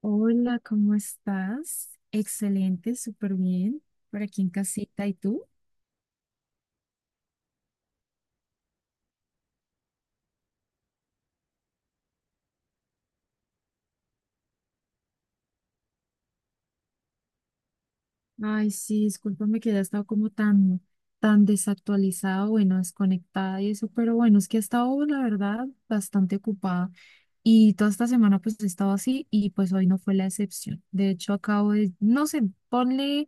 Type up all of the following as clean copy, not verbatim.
Hola, ¿cómo estás? Excelente, súper bien. Por aquí en casita, ¿y tú? Ay, sí, discúlpame que ya he estado como tan desactualizada, bueno, desconectada y eso, pero bueno, es que he estado, la verdad, bastante ocupada. Y toda esta semana pues he estado así y pues hoy no fue la excepción. De hecho, acabo de, no sé, ponle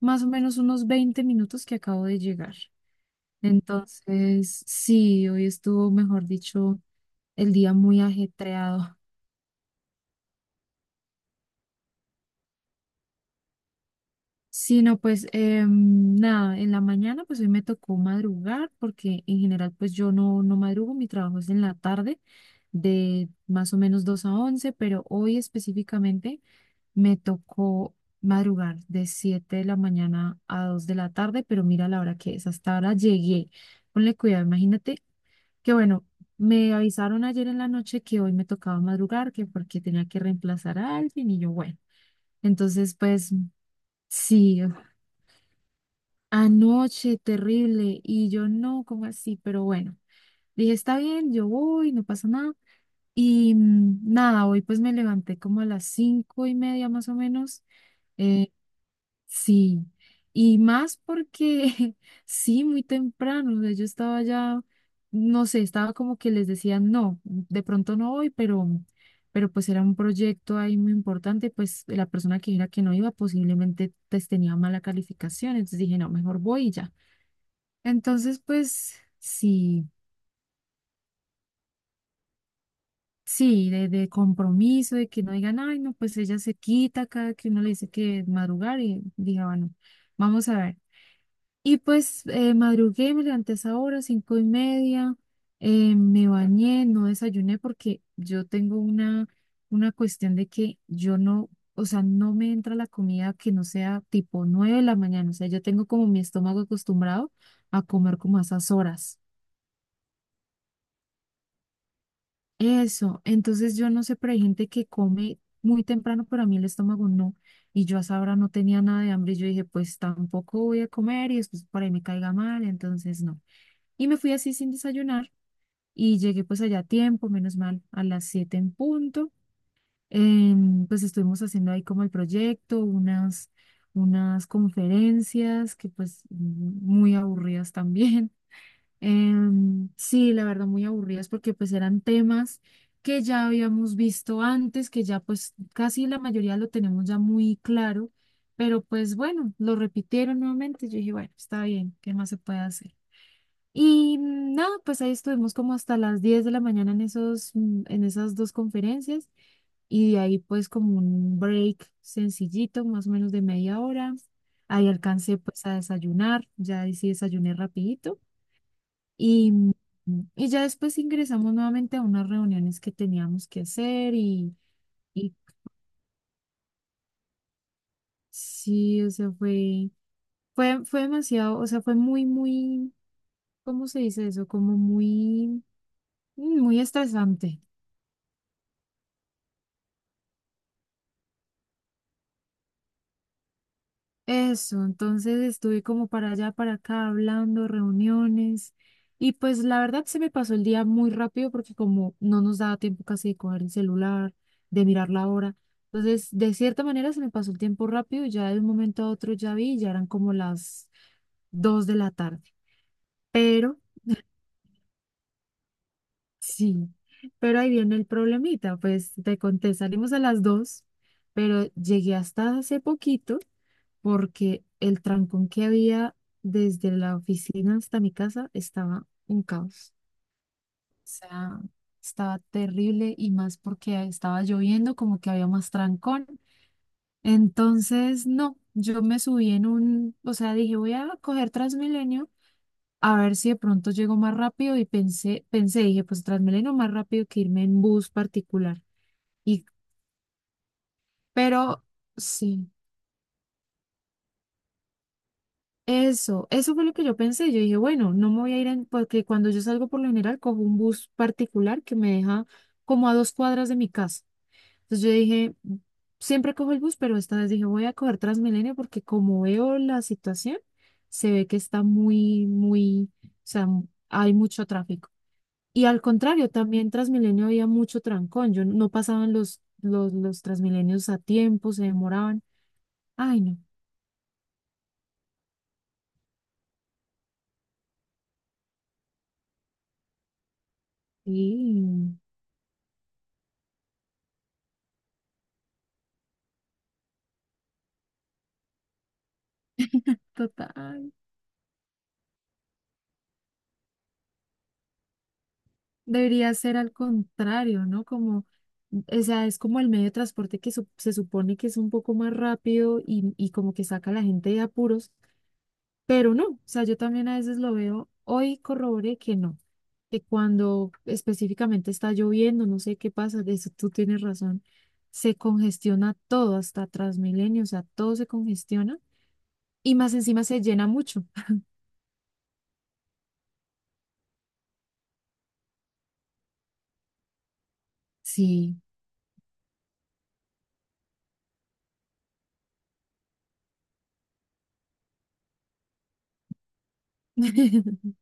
más o menos unos 20 minutos que acabo de llegar. Entonces, sí, hoy estuvo, mejor dicho, el día muy ajetreado. Sí, no, pues nada, en la mañana pues hoy me tocó madrugar porque en general pues yo no, no madrugo, mi trabajo es en la tarde de más o menos 2 a 11, pero hoy específicamente me tocó madrugar de 7 de la mañana a 2 de la tarde, pero mira la hora que es, hasta ahora llegué. Ponle cuidado, imagínate que bueno, me avisaron ayer en la noche que hoy me tocaba madrugar, que porque tenía que reemplazar a alguien y yo bueno, entonces pues. Sí, anoche, terrible. Y yo no, como así? Pero bueno, dije, está bien, yo voy, no pasa nada. Y nada, hoy pues me levanté como a las 5:30 más o menos. Eh, sí. Y más porque sí, muy temprano. O sea, yo estaba ya, no sé, estaba como que les decía, no, de pronto no voy, pero pues era un proyecto ahí muy importante. Pues la persona que era que no iba posiblemente pues, tenía mala calificación. Entonces dije, no, mejor voy y ya. Entonces, pues sí, sí, de compromiso, de que no digan, ay, no, pues ella se quita cada que uno le dice que madrugar y diga, bueno, vamos a ver. Y pues madrugué, me levanté a esa hora, 5:30, me bañé, no desayuné porque yo tengo una cuestión de que yo no, o sea, no me entra la comida que no sea tipo 9 de la mañana, o sea, yo tengo como mi estómago acostumbrado a comer como a esas horas. Eso, entonces yo no sé, pero hay gente que come muy temprano, pero a mí el estómago no. Y yo a esa hora no tenía nada de hambre. Y yo dije, pues tampoco voy a comer y después por ahí me caiga mal, entonces no. Y me fui así sin desayunar y llegué pues allá a tiempo, menos mal, a las 7 en punto. Pues estuvimos haciendo ahí como el proyecto, unas conferencias que pues muy aburridas también. Sí, la verdad, muy aburridas porque pues eran temas que ya habíamos visto antes, que ya pues casi la mayoría lo tenemos ya muy claro, pero pues bueno, lo repitieron nuevamente. Yo dije, bueno, está bien, ¿qué más se puede hacer? Y nada, pues ahí estuvimos como hasta las 10 de la mañana en esos, en esas dos conferencias y de ahí pues como un break sencillito, más o menos de media hora. Ahí alcancé pues a desayunar, ya ahí sí desayuné rapidito. Y, y ya después ingresamos nuevamente a unas reuniones que teníamos que hacer y sí, o sea, fue, fue demasiado, o sea, fue muy, muy, ¿cómo se dice eso? Como muy, muy estresante. Eso, entonces estuve como para allá, para acá, hablando, reuniones, y pues la verdad se me pasó el día muy rápido porque como no nos daba tiempo casi de coger el celular, de mirar la hora, entonces de cierta manera se me pasó el tiempo rápido, ya de un momento a otro ya vi, ya eran como las 2 de la tarde, pero sí, pero ahí viene el problemita, pues te conté, salimos a las 2, pero llegué hasta hace poquito porque el trancón que había desde la oficina hasta mi casa estaba un caos. O sea, estaba terrible y más porque estaba lloviendo, como que había más trancón. Entonces, no, yo me subí en un, o sea, dije, voy a coger Transmilenio a ver si de pronto llego más rápido y pensé, dije, pues Transmilenio más rápido que irme en bus particular. Y, pero sí. Eso fue lo que yo pensé. Yo dije, bueno, no me voy a ir en, porque cuando yo salgo por lo general cojo un bus particular que me deja como a 2 cuadras de mi casa. Entonces yo dije, siempre cojo el bus, pero esta vez dije, voy a coger Transmilenio porque como veo la situación, se ve que está muy, muy, o sea, hay mucho tráfico. Y al contrario, también Transmilenio había mucho trancón. Yo no pasaban los Transmilenios a tiempo, se demoraban. Ay, no. Sí, total. Debería ser al contrario, ¿no? Como, o sea, es como el medio de transporte que se supone que es un poco más rápido y como que saca a la gente de apuros, pero no, o sea, yo también a veces lo veo, hoy corroboré que no, que cuando específicamente está lloviendo, no sé qué pasa, de eso tú tienes razón, se congestiona todo, hasta Transmilenio, o sea, todo se congestiona y más encima se llena mucho. Sí.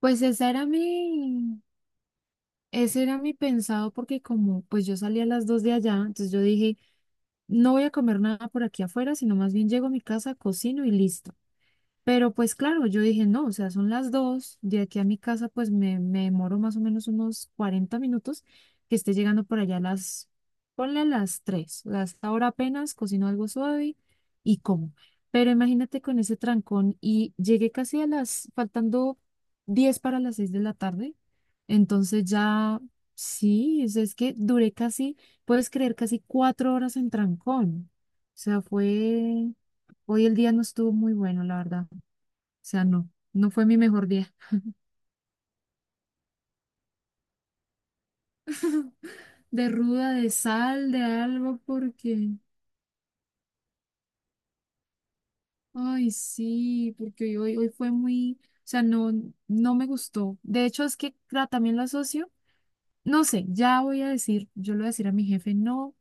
Pues ese era mi pensado porque como pues yo salí a las dos de allá, entonces yo dije, no voy a comer nada por aquí afuera, sino más bien llego a mi casa, cocino y listo. Pero pues claro, yo dije, no, o sea, son las 2, de aquí a mi casa pues me demoro más o menos unos 40 minutos que esté llegando por allá a las, ponle a las 3, hasta ahora apenas cocino algo suave y como. Pero imagínate con ese trancón y llegué casi a las, faltando 10 para las 6 de la tarde, entonces ya, sí, o sea, es que duré casi, puedes creer, casi 4 horas en trancón. O sea, fue, hoy el día no estuvo muy bueno, la verdad. O sea, no, no fue mi mejor día. De ruda, de sal, de algo, porque, ay, sí, porque hoy fue muy, o sea, no, no me gustó. De hecho, es que claro, también lo asocio, no sé, ya voy a decir, yo le voy a decir a mi jefe, no,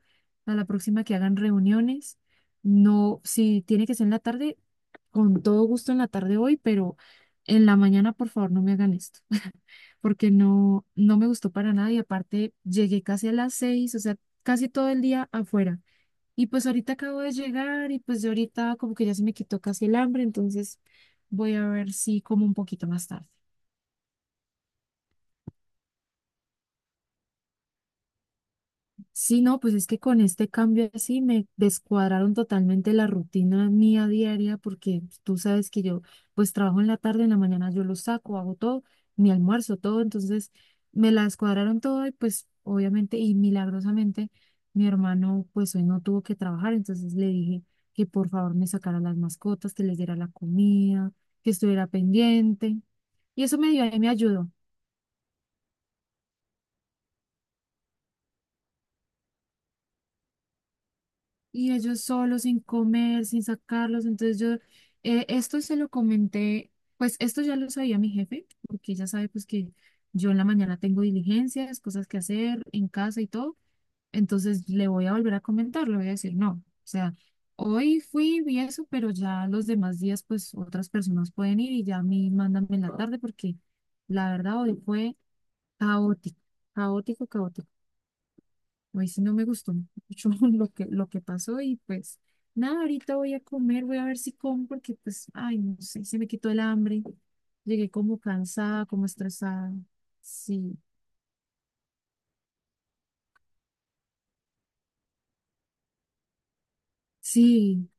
a la próxima que hagan reuniones, no, si tiene que ser en la tarde, con todo gusto en la tarde hoy, pero en la mañana, por favor, no me hagan esto. Porque no, no me gustó para nada y aparte llegué casi a las 6, o sea, casi todo el día afuera. Y pues ahorita acabo de llegar y pues ya ahorita como que ya se me quitó casi el hambre, entonces voy a ver si como un poquito más tarde. Sí, no, pues es que con este cambio así me descuadraron totalmente la rutina mía diaria porque tú sabes que yo pues trabajo en la tarde, en la mañana yo lo saco, hago todo, mi almuerzo, todo, entonces me la descuadraron todo y pues obviamente y milagrosamente mi hermano pues hoy no tuvo que trabajar, entonces le dije que por favor me sacara las mascotas, que les diera la comida, que estuviera pendiente y eso me dio, me ayudó. Y ellos solos, sin comer, sin sacarlos. Entonces yo, esto se lo comenté, pues esto ya lo sabía mi jefe, porque ya sabe pues que yo en la mañana tengo diligencias, cosas que hacer en casa y todo. Entonces le voy a volver a comentar, le voy a decir, no, o sea, hoy fui, vi eso, pero ya los demás días pues otras personas pueden ir y ya a mí mándame en la tarde porque la verdad hoy fue caótico, caótico, caótico. Hoy sí no me gustó mucho lo que pasó y pues nada, ahorita voy a comer, voy a ver si como porque pues, ay, no sé, se me quitó el hambre. Llegué como cansada, como estresada. Sí, sí,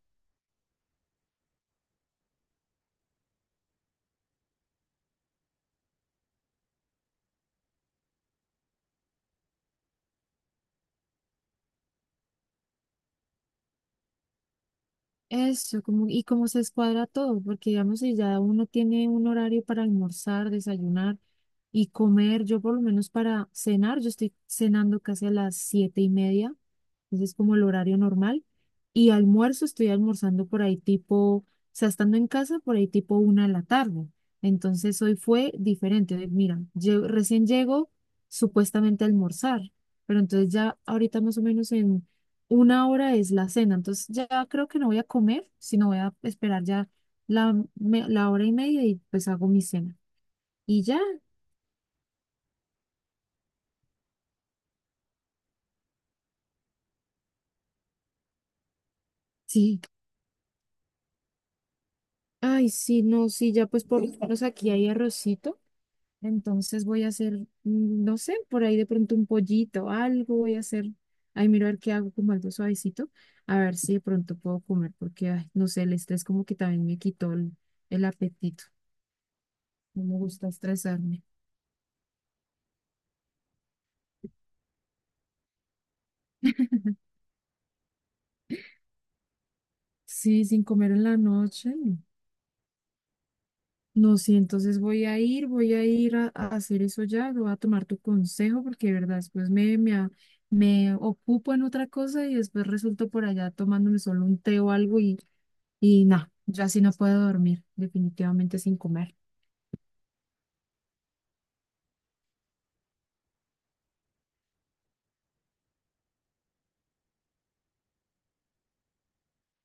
eso, como, y como se escuadra todo, porque digamos si ya uno tiene un horario para almorzar, desayunar y comer, yo por lo menos para cenar, yo estoy cenando casi a las 7:30, entonces como el horario normal. Y almuerzo, estoy almorzando por ahí tipo, o sea, estando en casa por ahí tipo 1 de la tarde. Entonces hoy fue diferente. Hoy, mira, recién llego supuestamente a almorzar, pero entonces ya ahorita más o menos en una hora es la cena. Entonces ya creo que no voy a comer, sino voy a esperar ya la hora y media y pues hago mi cena. Y ya, sí. Ay, sí, no, sí, ya pues por lo menos aquí hay arrocito. Entonces voy a hacer, no sé, por ahí de pronto un pollito, algo voy a hacer. Ahí miro a ver qué hago como algo suavecito, a ver si de pronto puedo comer, porque, ay, no sé, el estrés como que también me quitó el apetito. No me gusta estresarme. Sí, sin comer en la noche. No, no, sí, entonces voy a ir, voy a ir a hacer eso ya, voy a tomar tu consejo porque de verdad después me ocupo en otra cosa y después resulto por allá tomándome solo un té o algo. Y no, yo así no puedo dormir, definitivamente sin comer.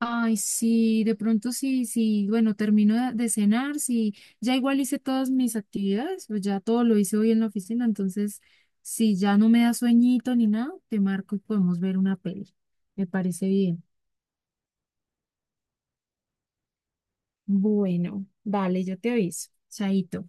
Ay, sí, de pronto sí, sí, bueno, termino de cenar, sí, ya igual hice todas mis actividades, pues ya todo lo hice hoy en la oficina, entonces si ya no me da sueñito ni nada, te marco y podemos ver una peli. Me parece bien. Bueno, dale, yo te aviso. Chaito.